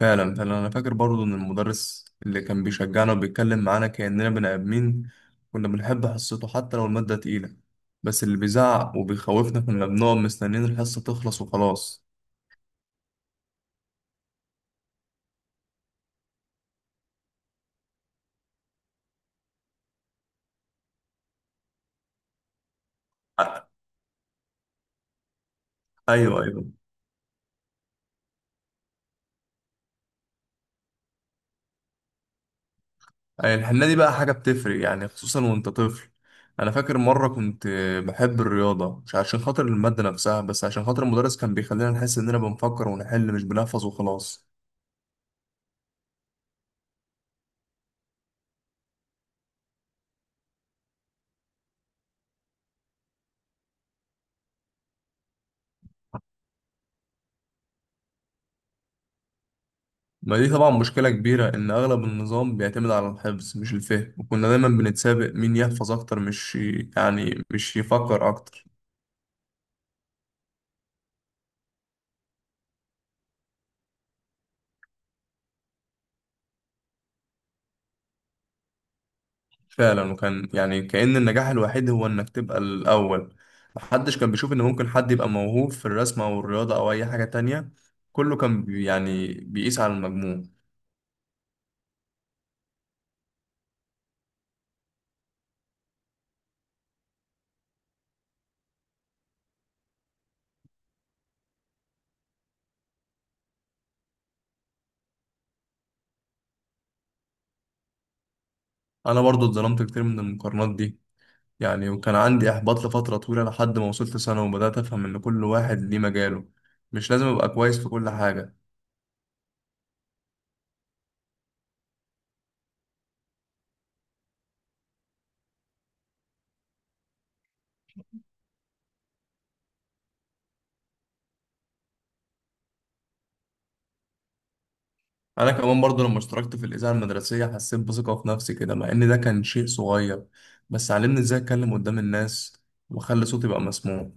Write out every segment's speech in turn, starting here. فعلا فعلا انا فاكر برضو ان المدرس اللي كان بيشجعنا وبيتكلم معانا كأننا بني ادمين. كنا بنحب حصته حتى لو المادة تقيلة، بس اللي بيزعق وبيخوفنا كنا بنقعد مستنيين الحصة تخلص وخلاص. ع- ايوه ايوه. أي الحنة دي بقى حاجة بتفرق يعني خصوصا وانت طفل. انا فاكر مرة كنت بحب الرياضة مش عشان خاطر المادة نفسها، بس عشان خاطر المدرس كان بيخلينا نحس اننا بنفكر ونحل مش بنحفظ وخلاص. ما دي طبعا مشكلة كبيرة إن أغلب النظام بيعتمد على الحفظ مش الفهم، وكنا دايما بنتسابق مين يحفظ أكتر مش يعني مش يفكر أكتر. فعلا، وكان يعني كأن النجاح الوحيد هو إنك تبقى الأول. محدش كان بيشوف إن ممكن حد يبقى موهوب في الرسم أو الرياضة أو أي حاجة تانية، كله كان يعني بيقيس على المجموع. أنا برضو اتظلمت كتير من المقارنات دي، يعني وكان عندي إحباط لفترة طويلة لحد ما وصلت سنة وبدأت أفهم إن كل واحد ليه مجاله، مش لازم أبقى كويس في كل حاجة. انا كمان برضو لما اشتركت في الاذاعه المدرسيه حسيت بثقه في نفسي كده، مع ان ده كان شيء صغير، بس علمني ازاي اتكلم قدام الناس واخلي صوتي يبقى مسموع.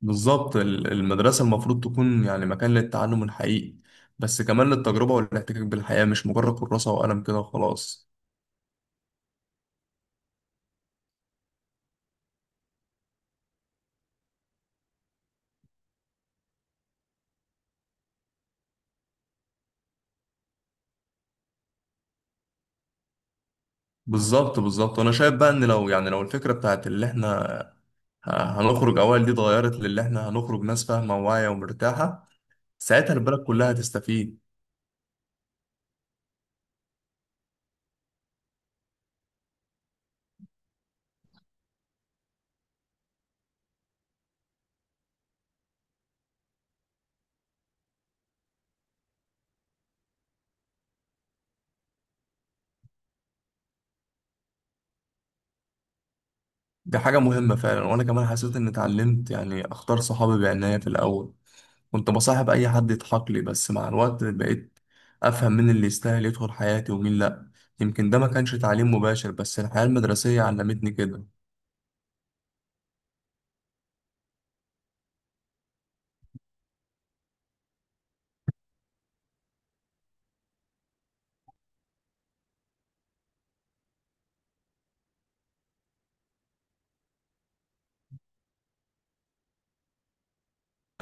بالظبط، المدرسه المفروض تكون يعني مكان للتعلم الحقيقي، بس كمان للتجربه والاحتكاك بالحياه، مش مجرد كراسه وقلم كده وخلاص. بالظبط بالظبط، وانا شايف بقى ان لو يعني لو الفكره بتاعت اللي احنا ه- هنخرج اوائل دي اتغيرت للي احنا هنخرج ناس فاهمه وواعيه ومرتاحه، ساعتها البلد كلها هتستفيد. دي حاجة مهمة فعلا، وأنا كمان حسيت إني اتعلمت يعني أختار صحابي بعناية. في الأول كنت بصاحب أي حد يضحك لي، بس مع الوقت بقيت أفهم مين اللي يستاهل يدخل حياتي ومين لأ. يمكن ده ما كانش تعليم مباشر بس الحياة المدرسية علمتني كده.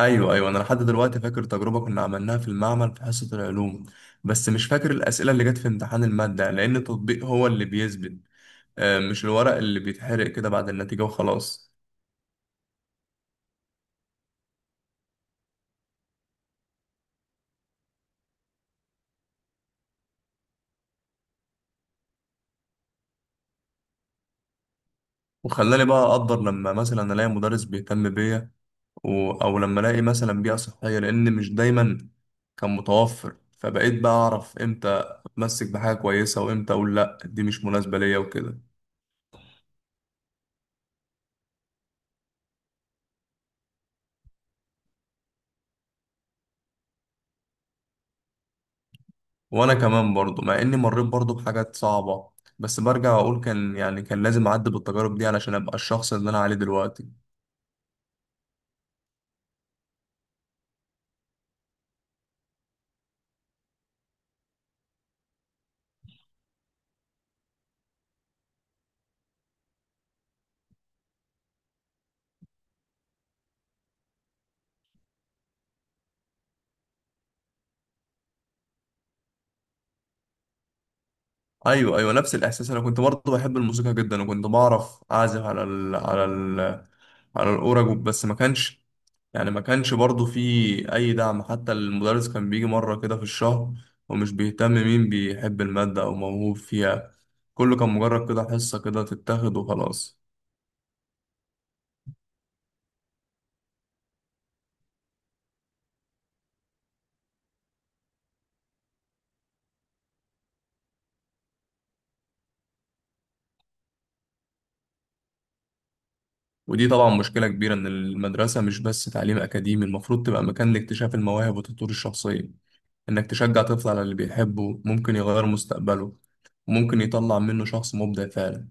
أيوة أيوة، أنا لحد دلوقتي فاكر تجربة كنا عملناها في المعمل في حصة العلوم، بس مش فاكر الأسئلة اللي جت في امتحان المادة، لأن التطبيق هو اللي بيثبت، مش الورق اللي بيتحرق كده بعد النتيجة وخلاص. وخلاني بقى أقدر لما مثلا ألاقي مدرس بيهتم بيا او لما الاقي مثلا بيئه صحيه، لان مش دايما كان متوفر، فبقيت بقى اعرف امتى اتمسك بحاجه كويسه وامتى اقول لا دي مش مناسبه ليا وكده. وانا كمان برضو مع اني مريت برضو بحاجات صعبه، بس برجع اقول كان يعني كان لازم اعدي بالتجارب دي علشان ابقى الشخص اللي انا عليه دلوقتي. ايوه ايوه، نفس الاحساس. انا كنت برضه بحب الموسيقى جدا، وكنت بعرف اعزف على الاورج، بس ما كانش برضه في اي دعم. حتى المدرس كان بيجي مره كده في الشهر، ومش بيهتم مين بيحب الماده او موهوب فيها، كله كان مجرد كده حصه كده تتاخد وخلاص. ودي طبعا مشكله كبيره ان المدرسه مش بس تعليم اكاديمي، المفروض تبقى مكان لاكتشاف المواهب والتطوير الشخصيه. انك تشجع طفل على اللي بيحبه ممكن يغير مستقبله، ممكن يطلع منه شخص مبدع فعلا.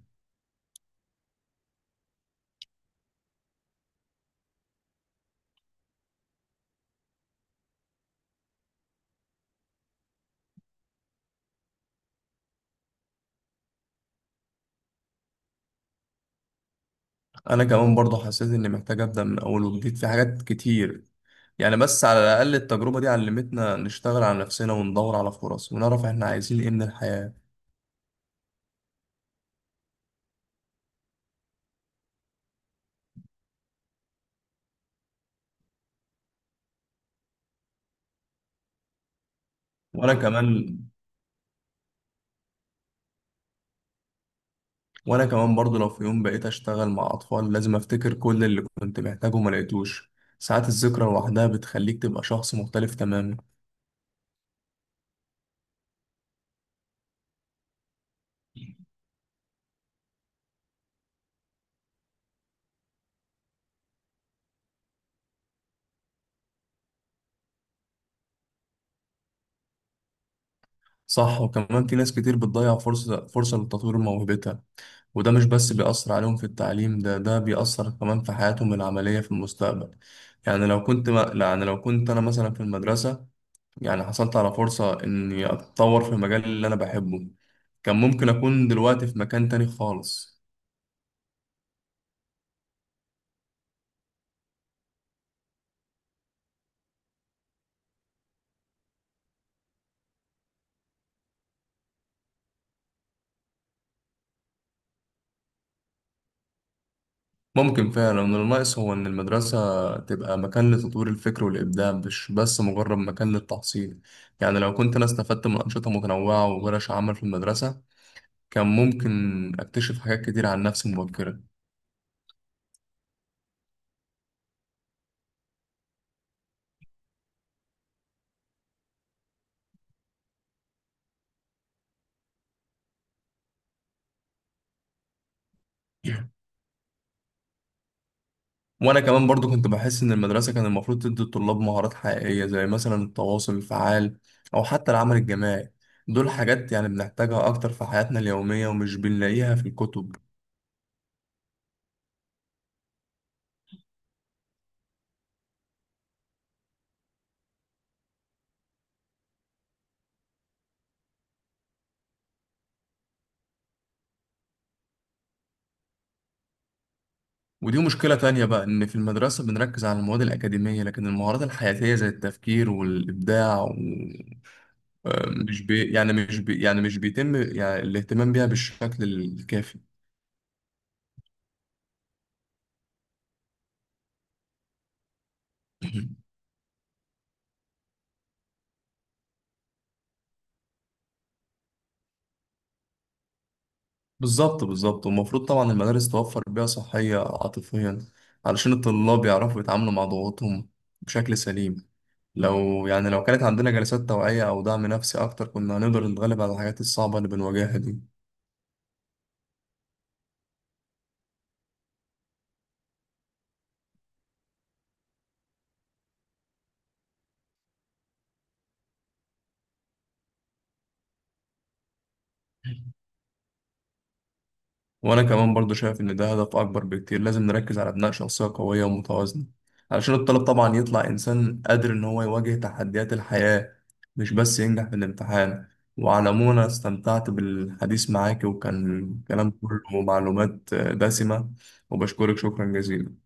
انا كمان برضه حسيت اني محتاج ابدا من اول وجديد في حاجات كتير، يعني بس على الاقل التجربه دي علمتنا نشتغل على نفسنا وندور على فرص ونعرف احنا عايزين ايه من الحياه. وانا كمان وانا كمان برضه لو في يوم بقيت اشتغل مع اطفال لازم افتكر كل اللي كنت محتاجه وما لقيتوش، ساعات الذكرى لوحدها بتخليك تبقى شخص مختلف تماما. صح، وكمان في ناس كتير بتضيع فرصه لتطوير موهبتها، وده مش بس بيأثر عليهم في التعليم، ده بيأثر كمان في حياتهم العملية في المستقبل. يعني لو كنت ما يعني لو كنت أنا مثلا في المدرسة يعني حصلت على فرصة إني أتطور في المجال اللي أنا بحبه، كان ممكن أكون دلوقتي في مكان تاني خالص. ممكن فعلا إن الناقص هو إن المدرسة تبقى مكان لتطوير الفكر والإبداع مش بس مجرد مكان للتحصيل. يعني لو كنت أنا استفدت من أنشطة متنوعة وورش عمل في المدرسة، كان ممكن أكتشف حاجات كتير عن نفسي مبكرا. وانا كمان برضو كنت بحس ان المدرسه كان المفروض تدي الطلاب مهارات حقيقيه زي مثلا التواصل الفعال او حتى العمل الجماعي، دول حاجات يعني بنحتاجها اكتر في حياتنا اليوميه ومش بنلاقيها في الكتب. ودي مشكله تانية بقى، ان في المدرسه بنركز على المواد الاكاديميه لكن المهارات الحياتيه زي التفكير والابداع مش بيتم يعني الاهتمام بيها بالشكل الكافي. بالظبط بالظبط، والمفروض طبعا المدارس توفر بيئة صحية عاطفيا علشان الطلاب يعرفوا يتعاملوا مع ضغوطهم بشكل سليم. لو يعني لو كانت عندنا جلسات توعية أو دعم نفسي أكتر كنا هنقدر نتغلب على الحاجات الصعبة اللي بنواجهها دي. وأنا كمان برضو شايف إن ده هدف أكبر بكتير، لازم نركز على بناء شخصية قوية ومتوازنة، علشان الطالب طبعا يطلع إنسان قادر إن هو يواجه تحديات الحياة، مش بس ينجح في الامتحان. وعلى العموم أنا استمتعت بالحديث معاك، وكان كلام كله معلومات دسمة، وبشكرك شكرا جزيلا.